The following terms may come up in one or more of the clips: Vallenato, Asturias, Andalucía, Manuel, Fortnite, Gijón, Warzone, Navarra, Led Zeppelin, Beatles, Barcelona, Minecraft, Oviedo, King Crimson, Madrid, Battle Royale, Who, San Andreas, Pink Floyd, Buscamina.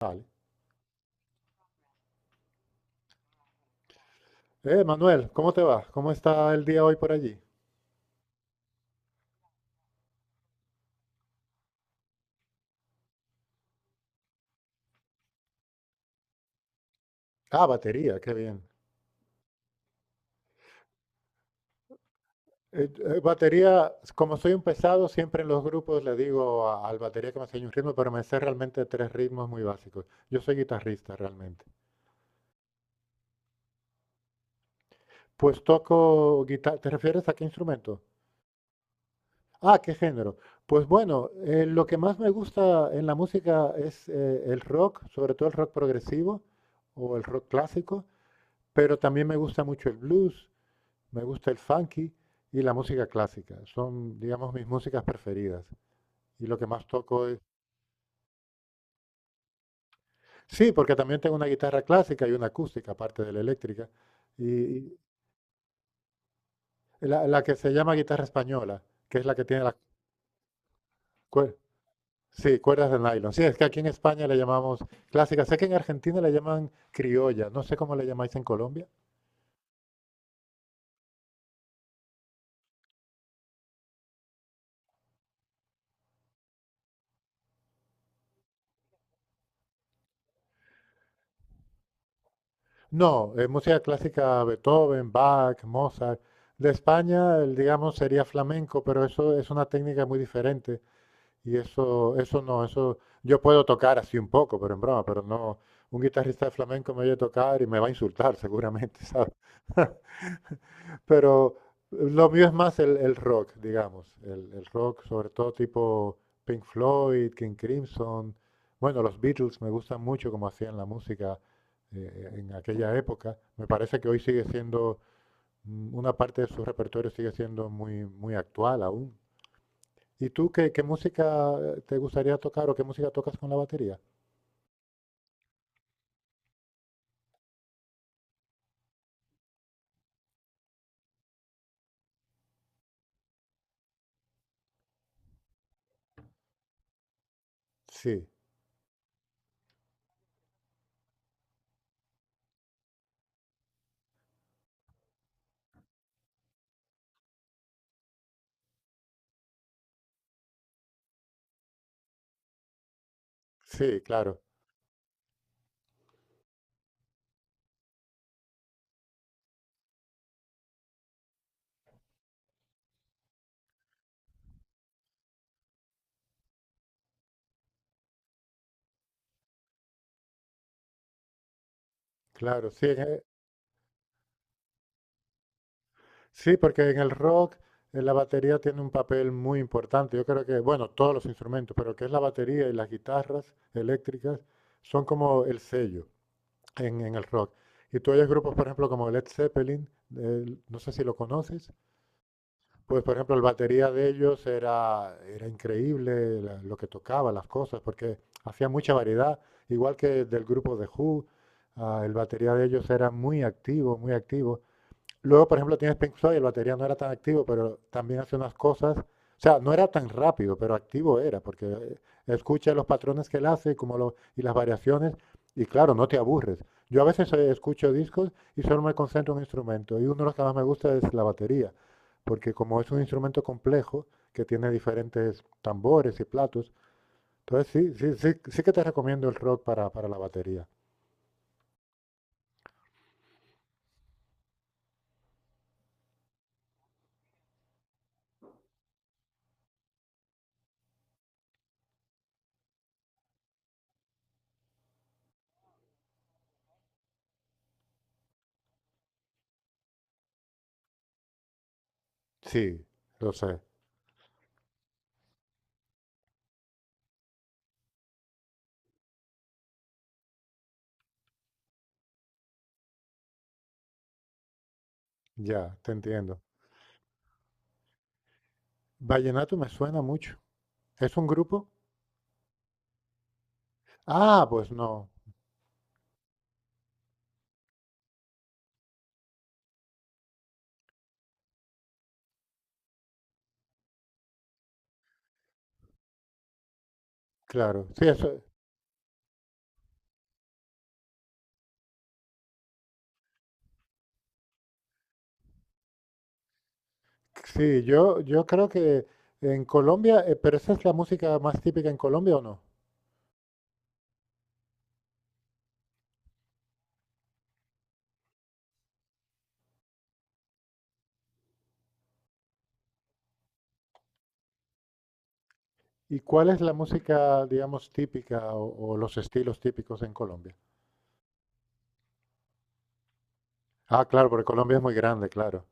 Vale. Manuel, ¿cómo te va? ¿Cómo está el día hoy por allí? Ah, batería, qué bien. Eh, Batería, como soy un pesado, siempre en los grupos le digo al batería que me enseñe un ritmo, pero me sé realmente tres ritmos muy básicos. Yo soy guitarrista realmente. Pues toco guitarra. ¿Te refieres a qué instrumento? Ah, ¿qué género? Pues bueno, lo que más me gusta en la música es el rock, sobre todo el rock progresivo o el rock clásico, pero también me gusta mucho el blues. Me gusta el funky y la música clásica. Son, digamos, mis músicas preferidas. Y lo que más toco es... Sí, porque también tengo una guitarra clásica y una acústica, aparte de la eléctrica. Y y la que se llama guitarra española, que es la que tiene las cuerdas. Sí, cuerdas de nylon. Sí, es que aquí en España le llamamos clásica. Sé que en Argentina le llaman criolla. No sé cómo le llamáis en Colombia. No, música clásica Beethoven, Bach, Mozart. De España, el, digamos, sería flamenco, pero eso es una técnica muy diferente. Y eso no, eso yo puedo tocar así un poco, pero en broma, pero no, un guitarrista de flamenco me oye tocar y me va a insultar seguramente, ¿sabes? Pero lo mío es más el rock, digamos, el rock sobre todo tipo Pink Floyd, King Crimson, bueno, los Beatles me gustan mucho como hacían la música en aquella época. Me parece que hoy sigue siendo, una parte de su repertorio sigue siendo muy, muy actual aún. ¿Y tú qué, qué música te gustaría tocar o qué música tocas con la batería? Sí, sí, claro, claro, sí, sí, porque en el rock la batería tiene un papel muy importante. Yo creo que, bueno, todos los instrumentos, pero que es la batería y las guitarras eléctricas son como el sello en el rock. Y tú oyes grupos, por ejemplo, como Led Zeppelin, no sé si lo conoces. Pues, por ejemplo, el batería de ellos era, era increíble lo que tocaba, las cosas, porque hacía mucha variedad, igual que del grupo de Who, ah, el batería de ellos era muy activo, muy activo. Luego, por ejemplo, tienes Pink Floyd, el batería no era tan activo, pero también hace unas cosas. O sea, no era tan rápido, pero activo era, porque escucha los patrones que él hace y las variaciones, y claro, no te aburres. Yo a veces escucho discos y solo me concentro en un instrumento, y uno de los que más me gusta es la batería, porque como es un instrumento complejo, que tiene diferentes tambores y platos, entonces sí, sí, sí, sí que te recomiendo el rock para la batería. Sí, lo sé, ya, te entiendo. Vallenato me suena mucho. ¿Es un grupo? Ah, pues no, claro. Sí, eso, sí, yo creo que en Colombia, ¿pero esa es la música más típica en Colombia o no? ¿Y cuál es la música, digamos, típica o los estilos típicos en Colombia? Ah, claro, porque Colombia es muy grande, claro.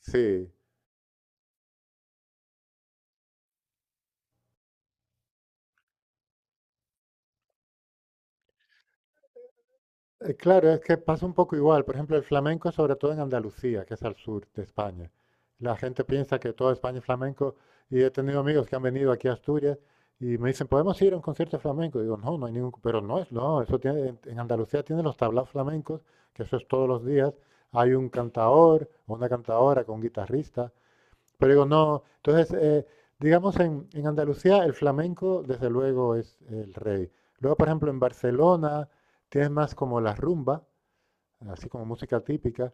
Sí. Claro, es que pasa un poco igual. Por ejemplo, el flamenco, sobre todo en Andalucía, que es al sur de España. La gente piensa que toda España es flamenco y he tenido amigos que han venido aquí a Asturias y me dicen, ¿podemos ir a un concierto de flamenco? Y digo, no, no hay ningún... Pero no es, no, eso tiene, en Andalucía tiene los tablaos flamencos, que eso es todos los días. Hay un cantaor o una cantaora con un guitarrista, pero digo, no. Entonces, digamos, en Andalucía el flamenco, desde luego, es el rey. Luego, por ejemplo, en Barcelona tienes más como la rumba, así como música típica.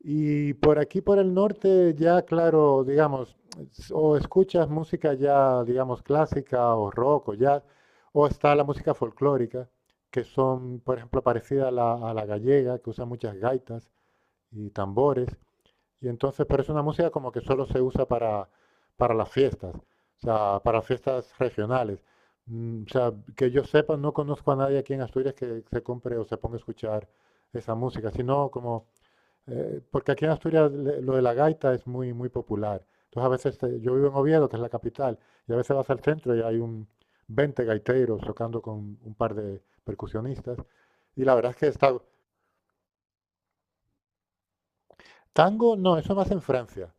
Y por aquí, por el norte, ya, claro, digamos, o escuchas música ya, digamos, clásica o rock o jazz, o está la música folclórica, que son, por ejemplo, parecida a a la gallega, que usa muchas gaitas y tambores. Y entonces, pero es una música como que solo se usa para las fiestas, o sea, para fiestas regionales. O sea, que yo sepa, no conozco a nadie aquí en Asturias que se compre o se ponga a escuchar esa música, sino como, porque aquí en Asturias lo de la gaita es muy, muy popular. Entonces a veces, yo vivo en Oviedo, que es la capital, y a veces vas al centro y hay un 20 gaiteros tocando con un par de percusionistas, y la verdad es que está... Tango, no, eso más en Francia.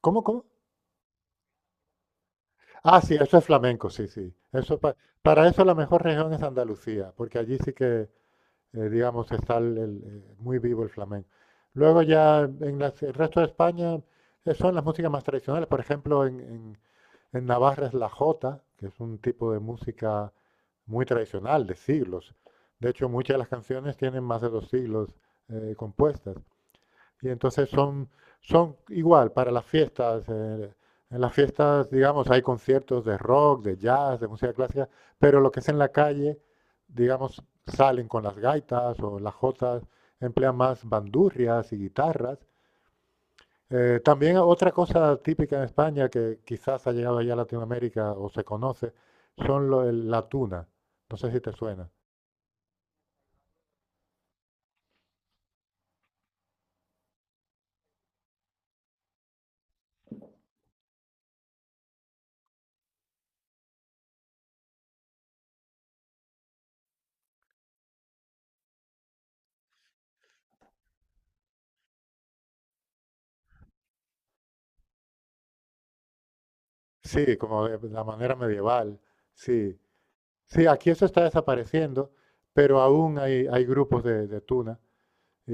¿Cómo, cómo? Ah, sí, eso es flamenco, sí, sí. Para eso la mejor región es Andalucía, porque allí sí que, digamos, está el, muy vivo el flamenco. Luego ya en el resto de España son las músicas más tradicionales. Por ejemplo, en Navarra es la jota, que es un tipo de música muy tradicional, de siglos. De hecho, muchas de las canciones tienen más de dos siglos compuestas. Y entonces son, son igual para las fiestas. En las fiestas, digamos, hay conciertos de rock, de jazz, de música clásica, pero lo que es en la calle, digamos, salen con las gaitas o las jotas, emplean más bandurrias y guitarras. También otra cosa típica en España que quizás ha llegado allá a Latinoamérica o se conoce, son la tuna. No sé si te suena. Sí, como de la manera medieval. Sí. Sí, aquí eso está desapareciendo, pero aún hay, hay grupos de tuna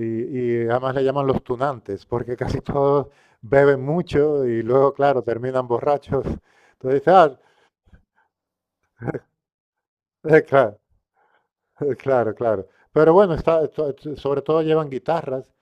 y además le llaman los tunantes, porque casi todos beben mucho y luego, claro, terminan borrachos. Entonces, ah, claro, claro, claro. Pero bueno, está, sobre todo llevan guitarras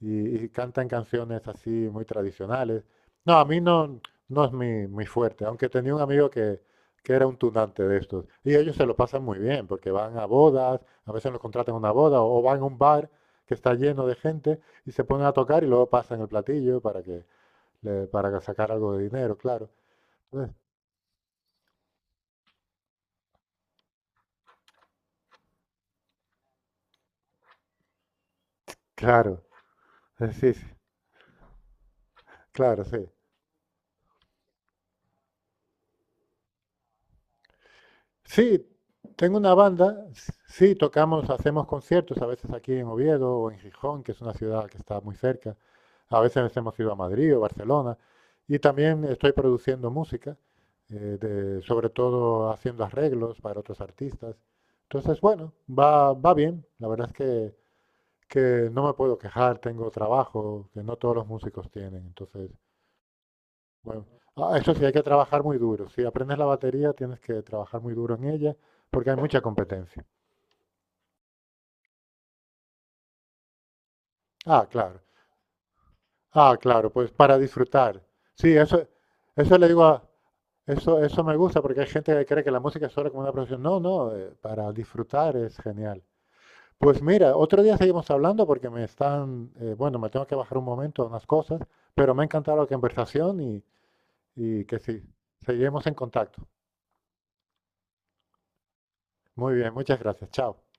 y cantan canciones así muy tradicionales. No, a mí no, no es mi fuerte, aunque tenía un amigo que era un tunante de estos. Y ellos se lo pasan muy bien, porque van a bodas, a veces los contratan a una boda, o van a un bar que está lleno de gente y se ponen a tocar y luego pasan el platillo para que para sacar algo de dinero, claro. Eh, Claro, sí, sí, claro, sí. Sí, tengo una banda, sí, tocamos, hacemos conciertos, a veces aquí en Oviedo o en Gijón, que es una ciudad que está muy cerca. A veces hemos ido a Madrid o Barcelona. Y también estoy produciendo música, sobre todo haciendo arreglos para otros artistas. Entonces, bueno, va, va bien. La verdad es que no me puedo quejar, tengo trabajo que no todos los músicos tienen. Entonces, bueno, ah, eso sí, hay que trabajar muy duro. Si aprendes la batería, tienes que trabajar muy duro en ella porque hay mucha competencia. Ah, claro. Ah, claro, pues para disfrutar. Sí, eso, eso le digo a, eso, eso me gusta porque hay gente que cree que la música es solo como una profesión. No, no, para disfrutar es genial. Pues mira, otro día seguimos hablando porque me están, bueno, me tengo que bajar un momento a unas cosas, pero me ha encantado la conversación y que sí, seguimos en contacto. Muy bien, muchas gracias. Chao.